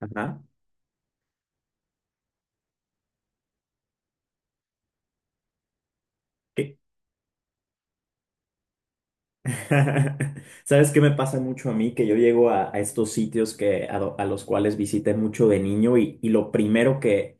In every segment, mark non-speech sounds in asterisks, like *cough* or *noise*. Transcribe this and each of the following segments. Ajá. ¿Qué? *laughs* ¿Sabes qué me pasa mucho a mí? Que yo llego a estos sitios que, a los cuales visité mucho de niño y lo primero que,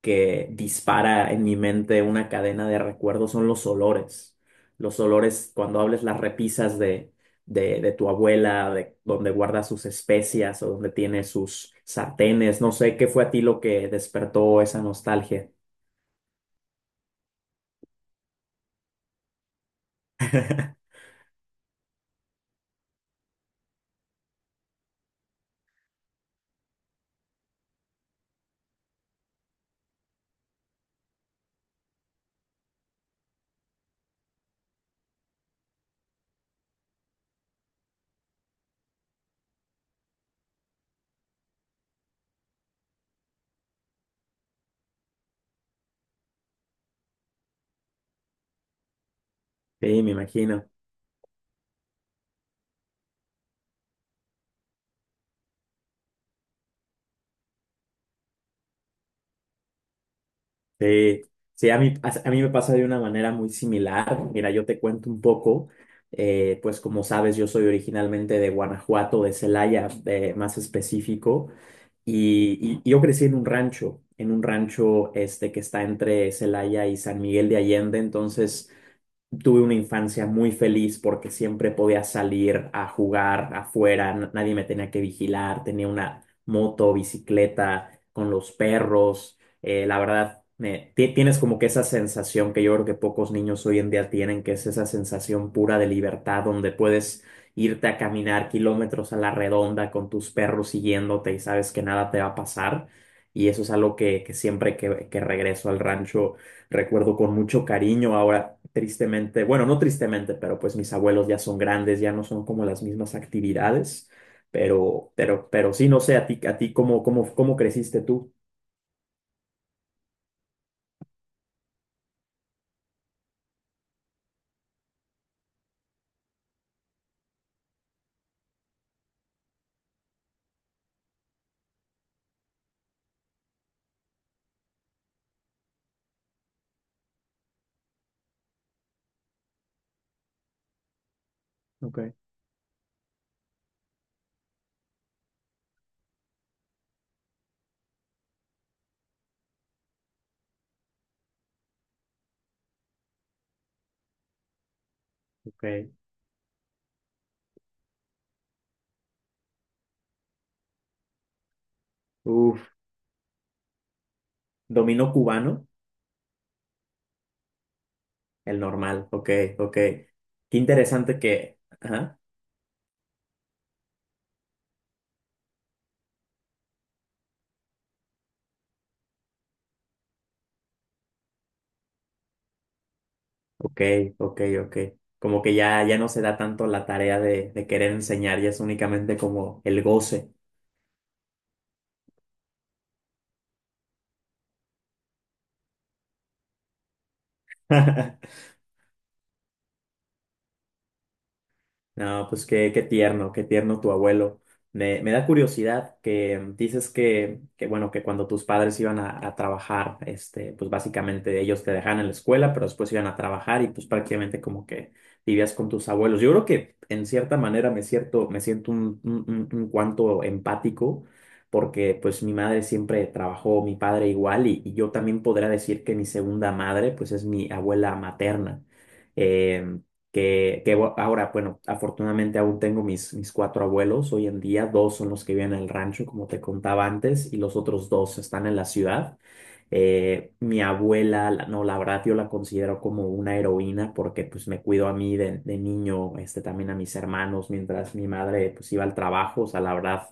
que dispara en mi mente una cadena de recuerdos son los olores. Los olores, cuando hables las repisas de tu abuela, de donde guarda sus especias o donde tiene sus sartenes, no sé, ¿qué fue a ti lo que despertó esa nostalgia? Sí, me imagino. Sí, sí, a mí me pasa de una manera muy similar. Mira, yo te cuento un poco, pues como sabes, yo soy originalmente de Guanajuato, de Celaya, más específico, y yo crecí en un rancho este que está entre Celaya y San Miguel de Allende, entonces... Tuve una infancia muy feliz porque siempre podía salir a jugar afuera, nadie me tenía que vigilar, tenía una moto, bicicleta, con los perros. Eh, la verdad, tienes como que esa sensación que yo creo que pocos niños hoy en día tienen, que es esa sensación pura de libertad donde puedes irte a caminar kilómetros a la redonda con tus perros siguiéndote y sabes que nada te va a pasar. Y eso es algo que siempre que regreso al rancho recuerdo con mucho cariño. Ahora, tristemente, bueno, no tristemente, pero pues mis abuelos ya son grandes, ya no son como las mismas actividades, pero sí, no sé, a ti, ¿cómo, cómo, cómo creciste tú? Ok, ok. Uf, dominó cubano, el normal, ok, ok. Qué interesante que, ajá, ok, ok, ok. Como que ya, ya no se da tanto la tarea de querer enseñar, ya es únicamente como el goce. *laughs* No, pues qué, qué tierno tu abuelo. Me da curiosidad que dices que, bueno, que cuando tus padres iban a trabajar, este, pues básicamente ellos te dejaban en la escuela, pero después iban a trabajar y pues prácticamente como que vivías con tus abuelos. Yo creo que en cierta manera me siento un cuanto empático porque pues mi madre siempre trabajó, mi padre igual y yo también podría decir que mi segunda madre pues es mi abuela materna. Em, que, ahora, bueno, afortunadamente aún tengo mis cuatro abuelos hoy en día, dos son los que viven en el rancho, como te contaba antes, y los otros dos están en la ciudad. Mi abuela, no, la verdad yo la considero como una heroína porque pues me cuidó a mí de niño, este, también a mis hermanos, mientras mi madre pues iba al trabajo, o sea, la verdad.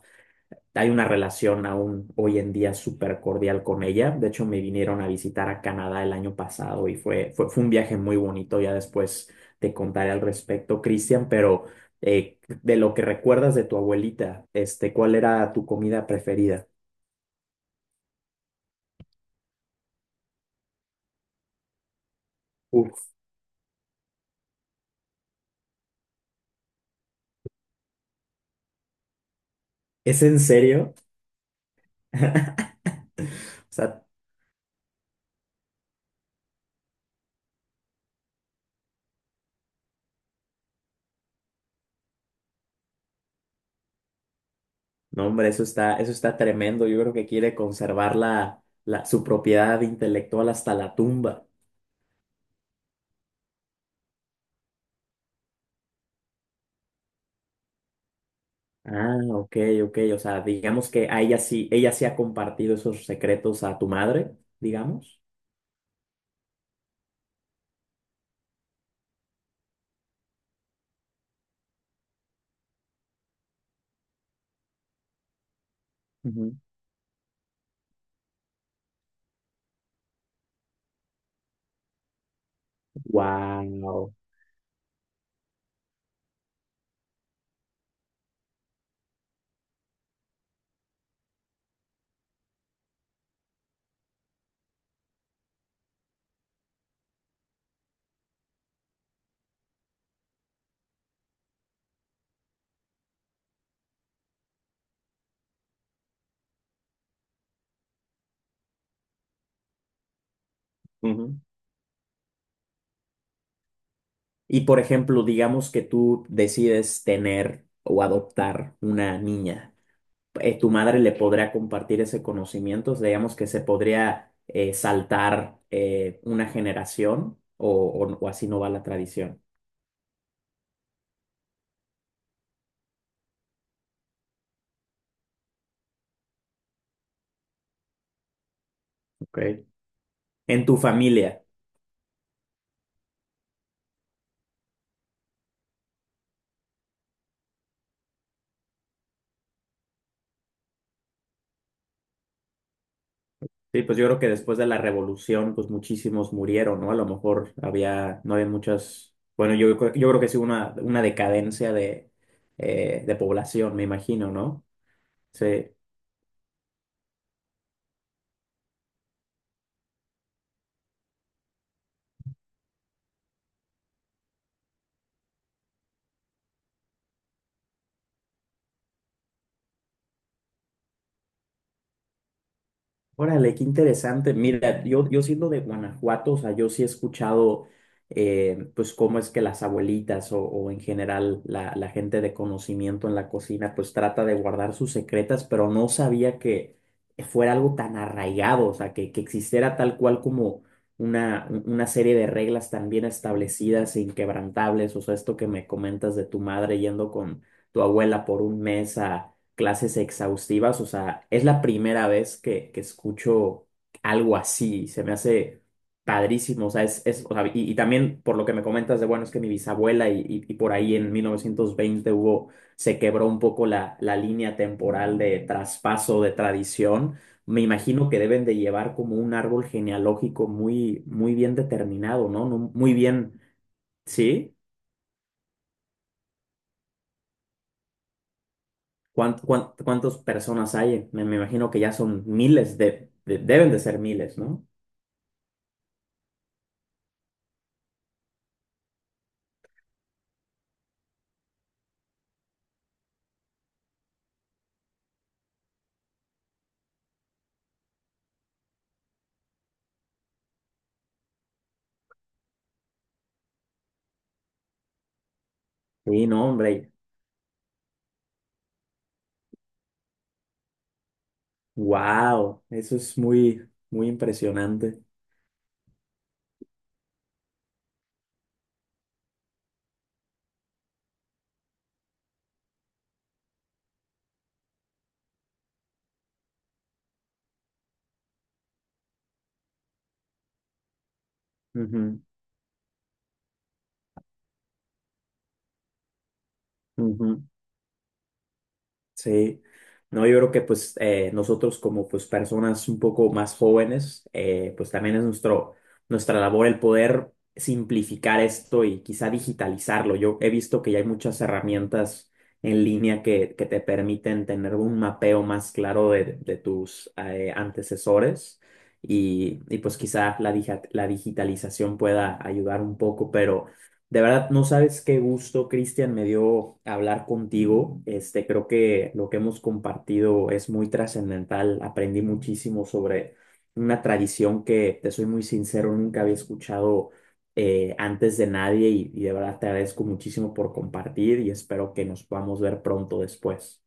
Hay una relación aún hoy en día súper cordial con ella. De hecho, me vinieron a visitar a Canadá el año pasado y fue un viaje muy bonito. Ya después te contaré al respecto, Cristian, pero de lo que recuerdas de tu abuelita, este, ¿cuál era tu comida preferida? Uf, ¿es en serio? *laughs* O sea, no, hombre, eso está tremendo. Yo creo que quiere conservar su propiedad intelectual hasta la tumba. Ah, ok, ok. O sea, digamos que a ella sí ha compartido esos secretos a tu madre, digamos. Wow. Y por ejemplo, digamos que tú decides tener o adoptar una niña. Eh, tu madre le podrá compartir ese conocimiento. O sea, digamos que se podría saltar una generación o así no va la tradición. Ok. En tu familia. Sí, pues yo creo que después de la revolución, pues muchísimos murieron, ¿no? A lo mejor había, no había muchas, bueno, yo creo que sí una decadencia de población, me imagino, ¿no? Sí. Órale, qué interesante. Mira, yo siendo de Guanajuato, o sea, yo sí he escuchado, pues, cómo es que las abuelitas o en general la gente de conocimiento en la cocina, pues, trata de guardar sus secretas, pero no sabía que fuera algo tan arraigado, o sea, que existiera tal cual como una serie de reglas tan bien establecidas e inquebrantables. O sea, esto que me comentas de tu madre yendo con tu abuela por un mes clases exhaustivas. O sea, es la primera vez que escucho algo así. Se me hace padrísimo. O sea, o sea, y también por lo que me comentas de, bueno, es que mi bisabuela y por ahí en 1920 hubo, se quebró un poco la línea temporal de traspaso de tradición. Me imagino que deben de llevar como un árbol genealógico muy, muy bien determinado, ¿no? No, muy bien, ¿sí? ¿Cuántas personas hay? Me imagino que ya son miles deben de ser miles, ¿no? Sí, no, hombre. Wow, eso es muy, muy impresionante. Ujú, ujú. Sí, no, yo creo que pues nosotros como pues personas un poco más jóvenes, pues también es nuestro, nuestra labor el poder simplificar esto y quizá digitalizarlo. Yo he visto que ya hay muchas herramientas en línea que te permiten tener un mapeo más claro de tus antecesores y pues quizá la digitalización pueda ayudar un poco, pero... De verdad, no sabes qué gusto, Cristian, me dio hablar contigo. Este, creo que lo que hemos compartido es muy trascendental. Aprendí muchísimo sobre una tradición que, te soy muy sincero, nunca había escuchado antes de nadie y de verdad te agradezco muchísimo por compartir y espero que nos podamos ver pronto después.